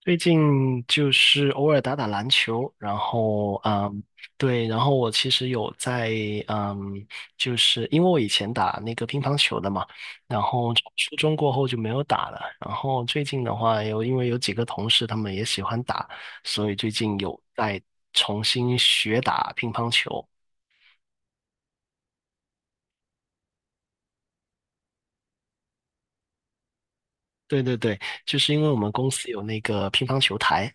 最近就是偶尔打打篮球，然后对，然后我其实有在嗯，就是因为我以前打那个乒乓球的嘛，然后从初中过后就没有打了，然后最近的话有因为有几个同事他们也喜欢打，所以最近有在重新学打乒乓球。对对对，就是因为我们公司有那个乒乓球台。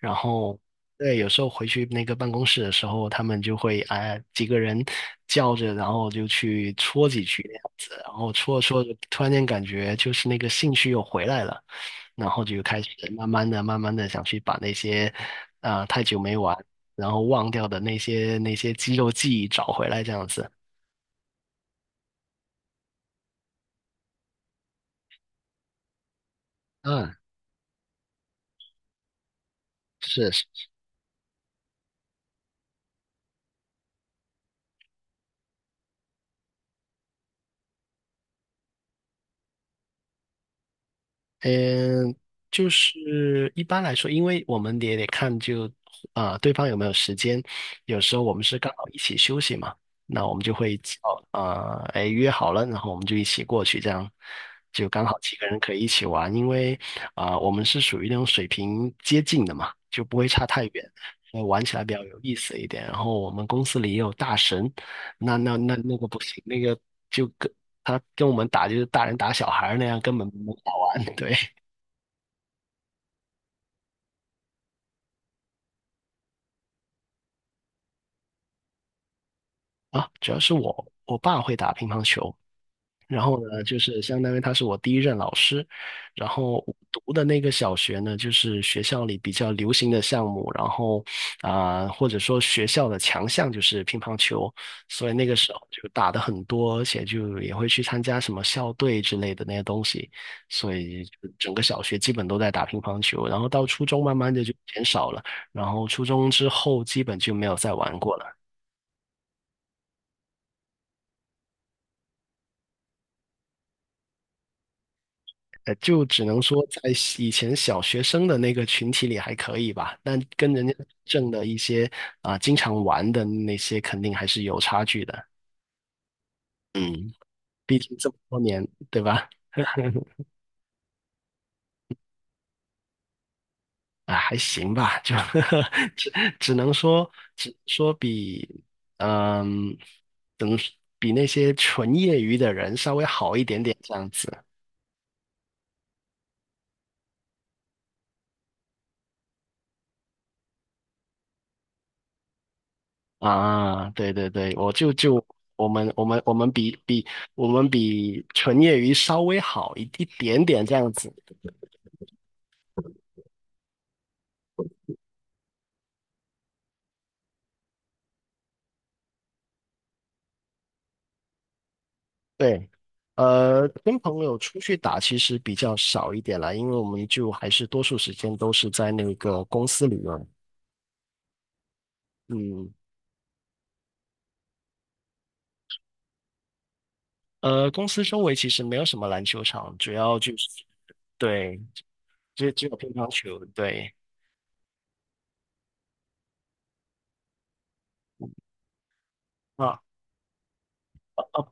然后对，有时候回去那个办公室的时候，他们就会哎几个人叫着，然后就去戳几句那样子，然后戳着戳着，突然间感觉就是那个兴趣又回来了，然后就开始慢慢的、慢慢的想去把那些太久没玩，然后忘掉的那些肌肉记忆找回来这样子。嗯，是。嗯，就是一般来说，因为我们也得看就对方有没有时间，有时候我们是刚好一起休息嘛，那我们就会哎约好了，然后我们就一起过去，这样就刚好几个人可以一起玩，因为我们是属于那种水平接近的嘛，就不会差太远。玩起来比较有意思一点，然后我们公司里也有大神，那那个不行，那个就跟他跟我们打就是大人打小孩儿那样，根本没法玩，对。啊，主要是我爸会打乒乓球，然后呢，就是相当于他是我第一任老师，然后我读的那个小学呢，就是学校里比较流行的项目，然后或者说学校的强项就是乒乓球，所以那个时候就打的很多，而且就也会去参加什么校队之类的那些东西，所以就整个小学基本都在打乒乓球，然后到初中慢慢的就减少了，然后初中之后基本就没有再玩过了。呃，就只能说在以前小学生的那个群体里还可以吧，但跟人家正的一些经常玩的那些肯定还是有差距的。嗯，毕竟这么多年，对吧？啊，还行吧，就 只只能说，只说比嗯，怎么说比那些纯业余的人稍微好一点点这样子。啊，对对对，我我们比我们比纯业余稍微好一点点这样子。对，呃，跟朋友出去打其实比较少一点了，因为我们就还是多数时间都是在那个公司里面。嗯，呃，公司周围其实没有什么篮球场，主要就是对，只有乒乓球，对。啊。哦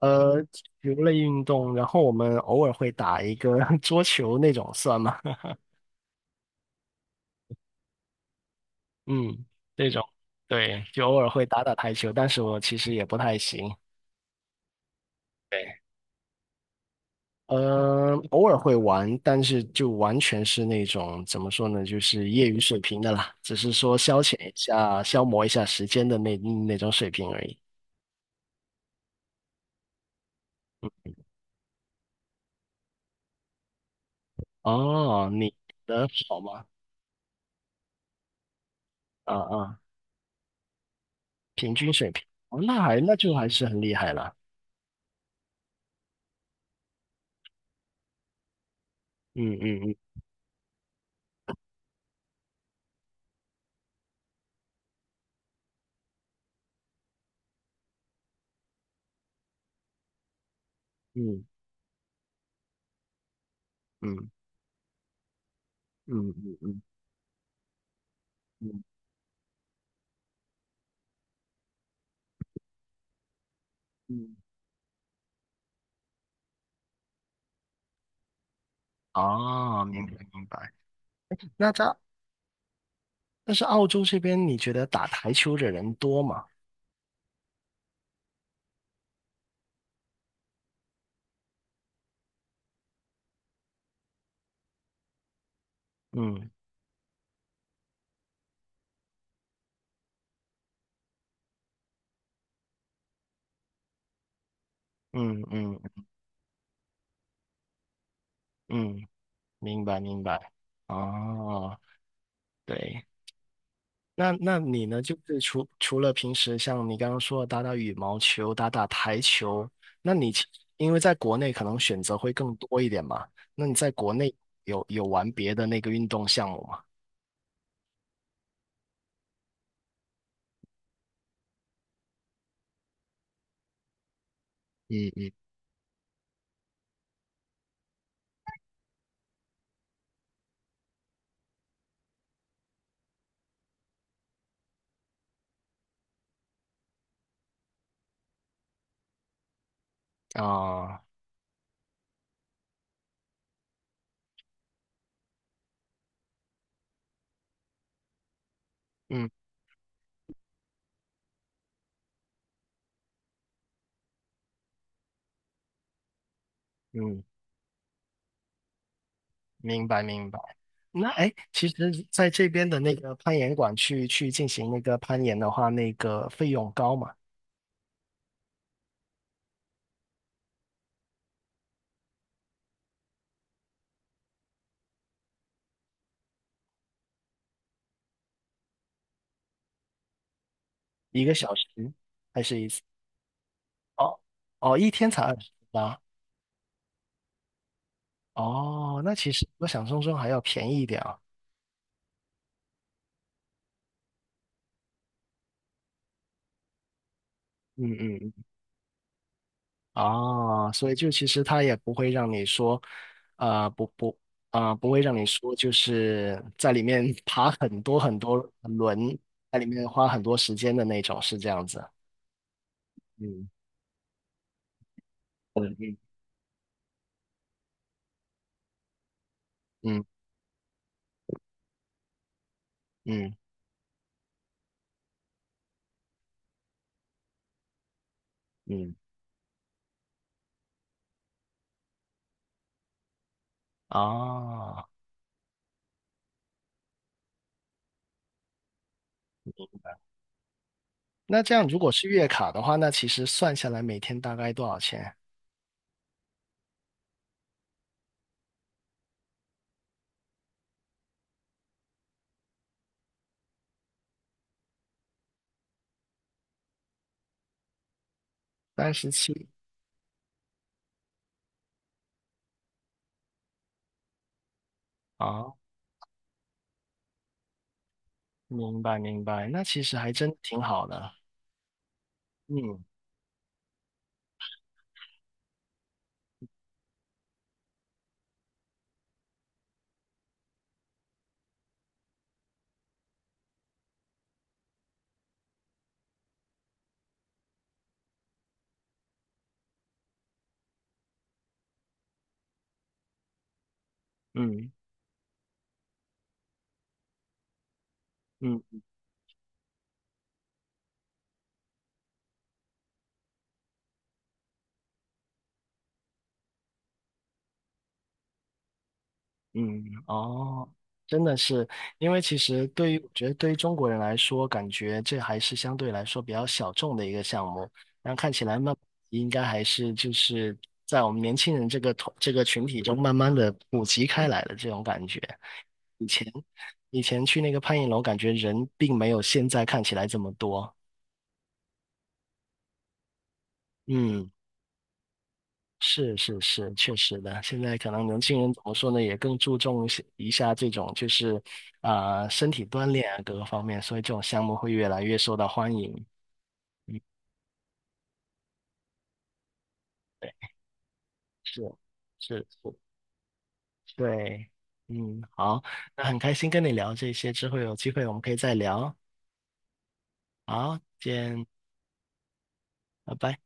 呃，球类运动，然后我们偶尔会打一个 桌球那种，算吗？嗯，这种，对，就偶尔会打打台球，但是我其实也不太行。对，呃，偶尔会玩，但是就完全是那种怎么说呢，就是业余水平的啦，只是说消遣一下、消磨一下时间的那种水平而已。哦，你的好吗？啊啊，平均水平，哦，那还那就还是很厉害了。嗯嗯嗯嗯嗯嗯嗯嗯嗯，嗯嗯哦，明白明白。那在但是澳洲这边，你觉得打台球的人多吗？嗯嗯嗯嗯，明白明白。哦，对，那那你呢？就是除除了平时像你刚刚说的打打羽毛球、打打台球，那你其因为在国内可能选择会更多一点嘛？那你在国内有有玩别的那个运动项目吗？嗯嗯啊，嗯嗯明白明白。那哎，诶其实在这边的那个攀岩馆去去进行那个攀岩的话，那个费用高嘛？一个小时还是一次？哦哦，一天才28。哦，那其实我想象中还要便宜一点啊。嗯嗯嗯。哦，所以就其实他也不会让你说，呃，不不，不会让你说就是在里面 爬很多很多轮，在里面花很多时间的那种，是这样子。嗯嗯嗯嗯。啊，那这样如果是月卡的话，那其实算下来每天大概多少钱？37啊，明白明白，那其实还真挺好的。嗯嗯嗯嗯，哦，真的是，因为其实对于我觉得对于中国人来说，感觉这还是相对来说比较小众的一个项目，但看起来慢应该还是就是在我们年轻人这个团这个群体中慢慢的普及开来的这种感觉。以前以前去那个攀岩楼，感觉人并没有现在看起来这么多。嗯，是是是，确实的。现在可能年轻人怎么说呢，也更注重一些一下这种就是身体锻炼啊各个方面，所以这种项目会越来越受到欢迎。嗯，对，是是是，对，嗯，好，那很开心跟你聊这些，之后有机会我们可以再聊。好，见，拜拜。